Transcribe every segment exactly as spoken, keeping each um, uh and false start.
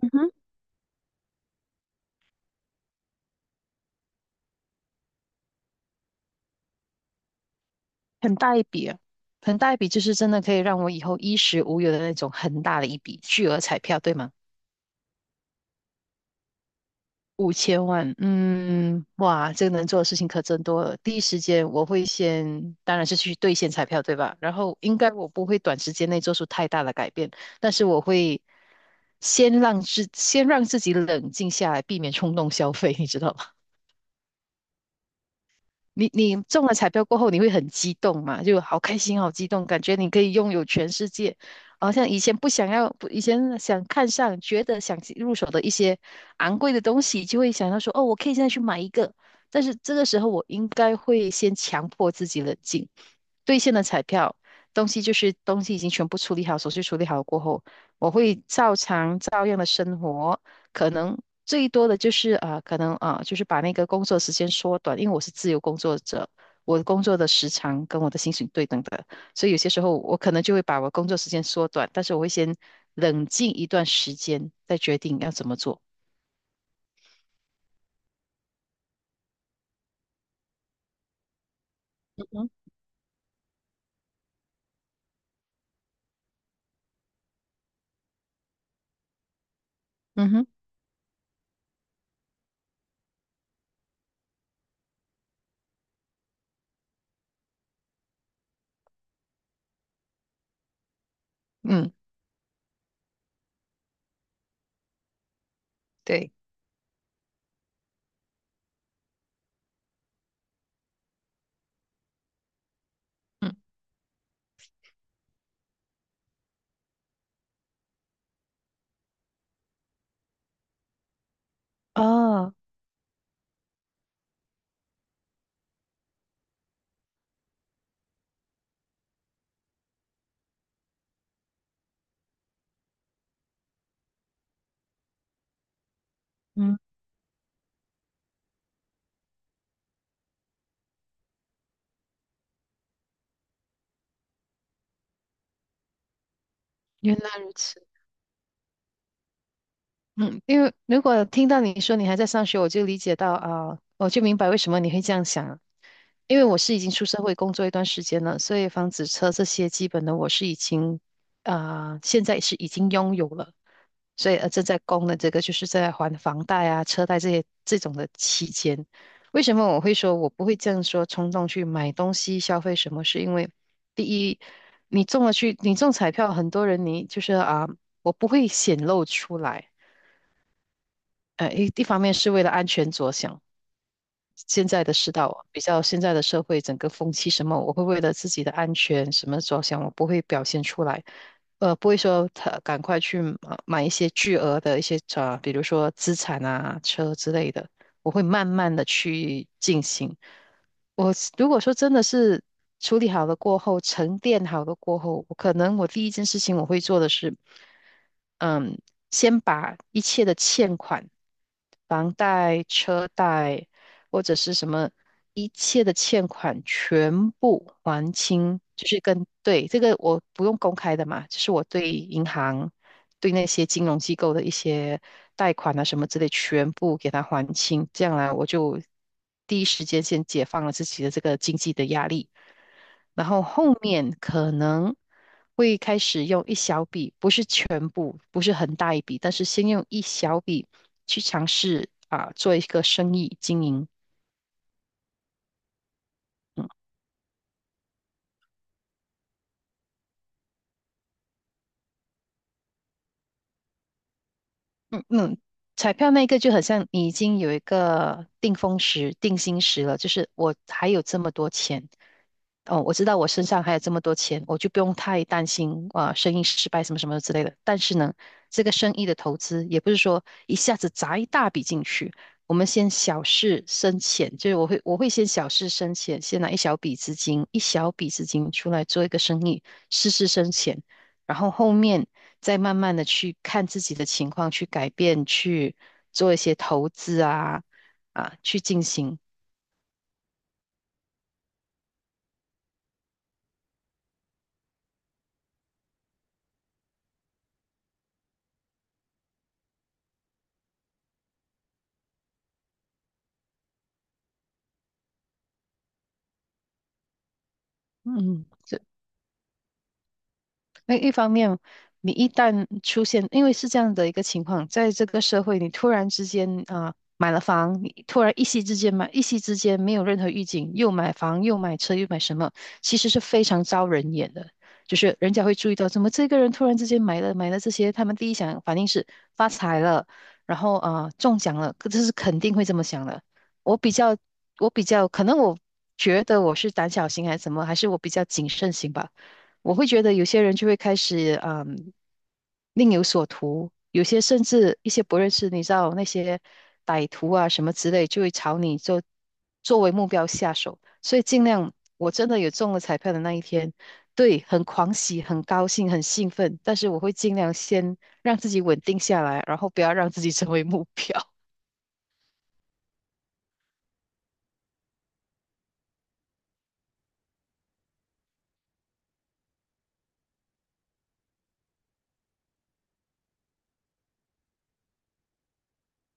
嗯哼，很大一笔啊，很大一笔，就是真的可以让我以后衣食无忧的那种很大的一笔巨额彩票，对吗？五千万，嗯，哇，这个能做的事情可真多了。第一时间我会先，当然是去兑现彩票，对吧？然后应该我不会短时间内做出太大的改变，但是我会先让自先让自己冷静下来，避免冲动消费，你知道吗？你你中了彩票过后，你会很激动嘛？就好开心，好激动，感觉你可以拥有全世界。好像以前不想要，不以前想看上，觉得想入手的一些昂贵的东西，就会想到说，哦，我可以现在去买一个。但是这个时候，我应该会先强迫自己冷静。兑现了彩票，东西就是东西已经全部处理好，手续处理好过后，我会照常照样的生活，可能最多的就是啊、呃可能啊、呃就是把那个工作时间缩短，因为我是自由工作者，我的工作的时长跟我的薪水对等的，所以有些时候我可能就会把我工作时间缩短，但是我会先冷静一段时间，再决定要怎么做。嗯哼，嗯哼，嗯，对，嗯，哦，嗯，原来如此。嗯，因为如果听到你说你还在上学，我就理解到啊，我就明白为什么你会这样想了。因为我是已经出社会工作一段时间了，所以房子、车这些基本的我是已经啊、现在是已经拥有了，所以呃正在供的这个就是在还房贷啊、车贷这些这种的期间，为什么我会说我不会这样说冲动去买东西消费什么？是因为第一，你中了去你中彩票，很多人你就是啊，我不会显露出来。呃，一一方面是为了安全着想，现在的世道，比较现在的社会，整个风气什么，我会为了自己的安全什么着想，我不会表现出来，呃，不会说他赶快去呃买一些巨额的一些啊、呃比如说资产啊、车之类的，我会慢慢的去进行。我如果说真的是处理好了过后，沉淀好了过后，我可能我第一件事情我会做的是，嗯，先把一切的欠款、房贷、车贷，或者是什么一切的欠款全部还清，就是跟对这个我不用公开的嘛，就是我对银行、对那些金融机构的一些贷款啊什么之类，全部给他还清，这样来我就第一时间先解放了自己的这个经济的压力，然后后面可能，会开始用一小笔，不是全部，不是很大一笔，但是先用一小笔去尝试啊，做一个生意经营。嗯嗯，彩票那个就很像你已经有一个定风石、定心石了，就是我还有这么多钱，哦，我知道我身上还有这么多钱，我就不用太担心啊、呃生意失败什么什么之类的。但是呢，这个生意的投资也不是说一下子砸一大笔进去，我们先小试深浅，就是我会我会先小试深浅，先拿一小笔资金，一小笔资金出来做一个生意，试试深浅，然后后面再慢慢的去看自己的情况，去改变，去做一些投资啊啊，去进行。嗯，这那一方面，你一旦出现，因为是这样的一个情况，在这个社会，你突然之间啊、呃买了房，你突然一夕之间买，一夕之间没有任何预警，又买房又买车又买什么，其实是非常招人眼的。就是人家会注意到，怎么这个人突然之间买了买了这些，他们第一想反应是发财了，然后啊、呃中奖了，可这是肯定会这么想的。我比较，我比较，可能我觉得我是胆小型还是什么，还是我比较谨慎型吧。我会觉得有些人就会开始嗯另有所图，有些甚至一些不认识，你知道那些歹徒啊什么之类，就会朝你就作为目标下手。所以尽量，我真的有中了彩票的那一天，对，很狂喜、很高兴、很兴奋，但是我会尽量先让自己稳定下来，然后不要让自己成为目标。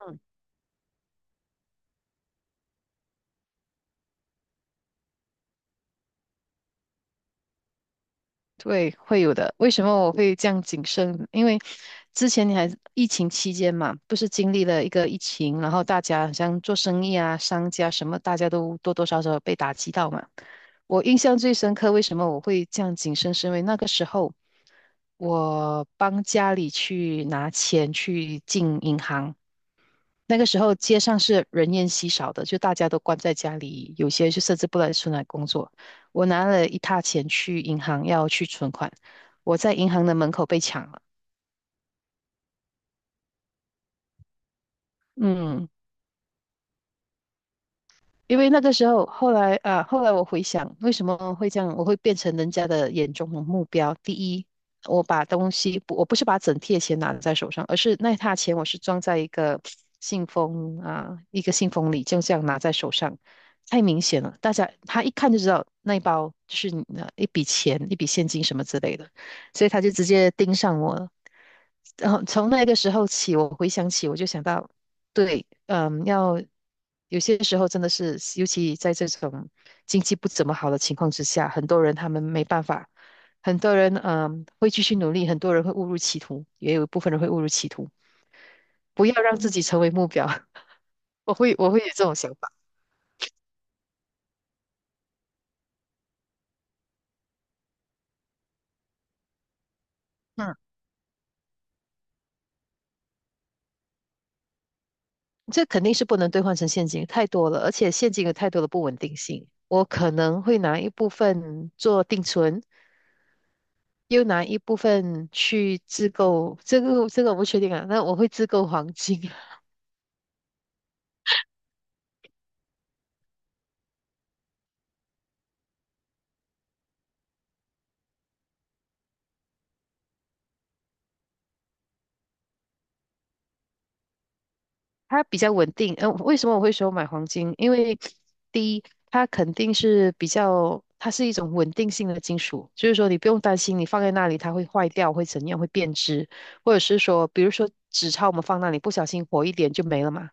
对，会有的。为什么我会这样谨慎？因为之前你还疫情期间嘛，不是经历了一个疫情，然后大家好像做生意啊、商家什么，大家都多多少少被打击到嘛。我印象最深刻，为什么我会这样谨慎？是因为那个时候我帮家里去拿钱去进银行，那个时候街上是人烟稀少的，就大家都关在家里，有些就甚至不来出来工作。我拿了一沓钱去银行要去存款，我在银行的门口被抢了。嗯，因为那个时候，后来啊，后来我回想，为什么会这样，我会变成人家的眼中的目标。第一，我把东西，我不是把整贴钱拿在手上，而是那沓钱我是装在一个信封啊，一个信封里，就这样拿在手上，太明显了，大家他一看就知道那一包就是你的一笔钱、一笔现金什么之类的，所以他就直接盯上我了。然后从那个时候起，我回想起，我就想到，对，嗯，要有些时候真的是，尤其在这种经济不怎么好的情况之下，很多人他们没办法，很多人嗯会继续努力，很多人会误入歧途，也有一部分人会误入歧途。不要让自己成为目标，我会我会有这种想法。嗯，这肯定是不能兑换成现金，太多了，而且现金有太多的不稳定性。我可能会拿一部分做定存，又拿一部分去自购，这个这个我不确定啊。那我会自购黄金，它比较稳定。嗯、为什么我会说买黄金？因为第一，它肯定是比较，它是一种稳定性的金属，就是说你不用担心你放在那里它会坏掉，会怎样，会变质，或者是说，比如说纸钞我们放那里不小心火一点就没了嘛。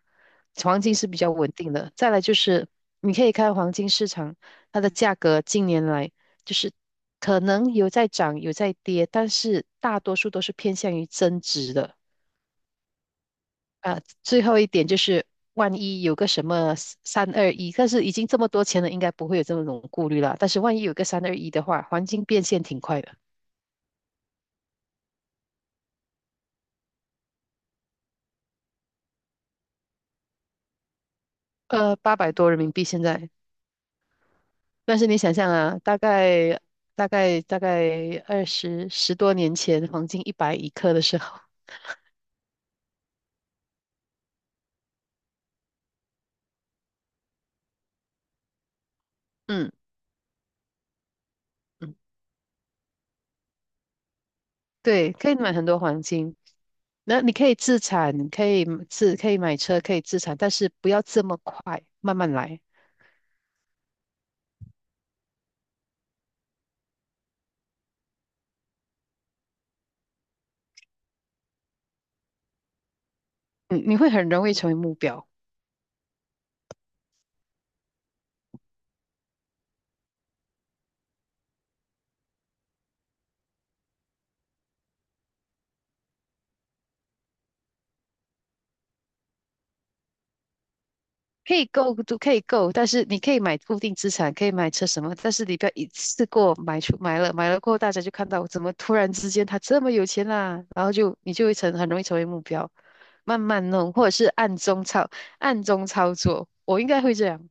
黄金是比较稳定的。再来就是你可以看黄金市场，它的价格近年来就是可能有在涨有在跌，但是大多数都是偏向于增值的。呃，最后一点就是，万一有个什么三二一，但是已经这么多钱了，应该不会有这么种顾虑了。但是万一有个三二一的话，黄金变现挺快的，呃，八百多人民币现在。但是你想象啊，大概大概大概二十十多年前，黄金一百一克的时候，嗯嗯，对，可以买很多黄金。那你可以自产，可以自可以买车，可以自产，但是不要这么快，慢慢来。你你会很容易成为目标。可以够都可以够，但是你可以买固定资产，可以买车什么，但是你不要一次过买出买了，买了过后大家就看到怎么突然之间他这么有钱啦、然后就你就会成很容易成为目标，慢慢弄或者是暗中操暗中操作，我应该会这样。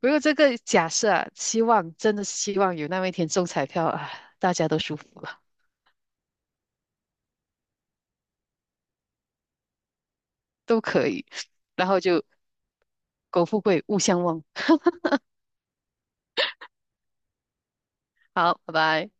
不过这个假设啊，希望真的希望有那么一天中彩票啊，大家都舒服了，都可以，然后就苟富贵，勿相忘。好，拜拜。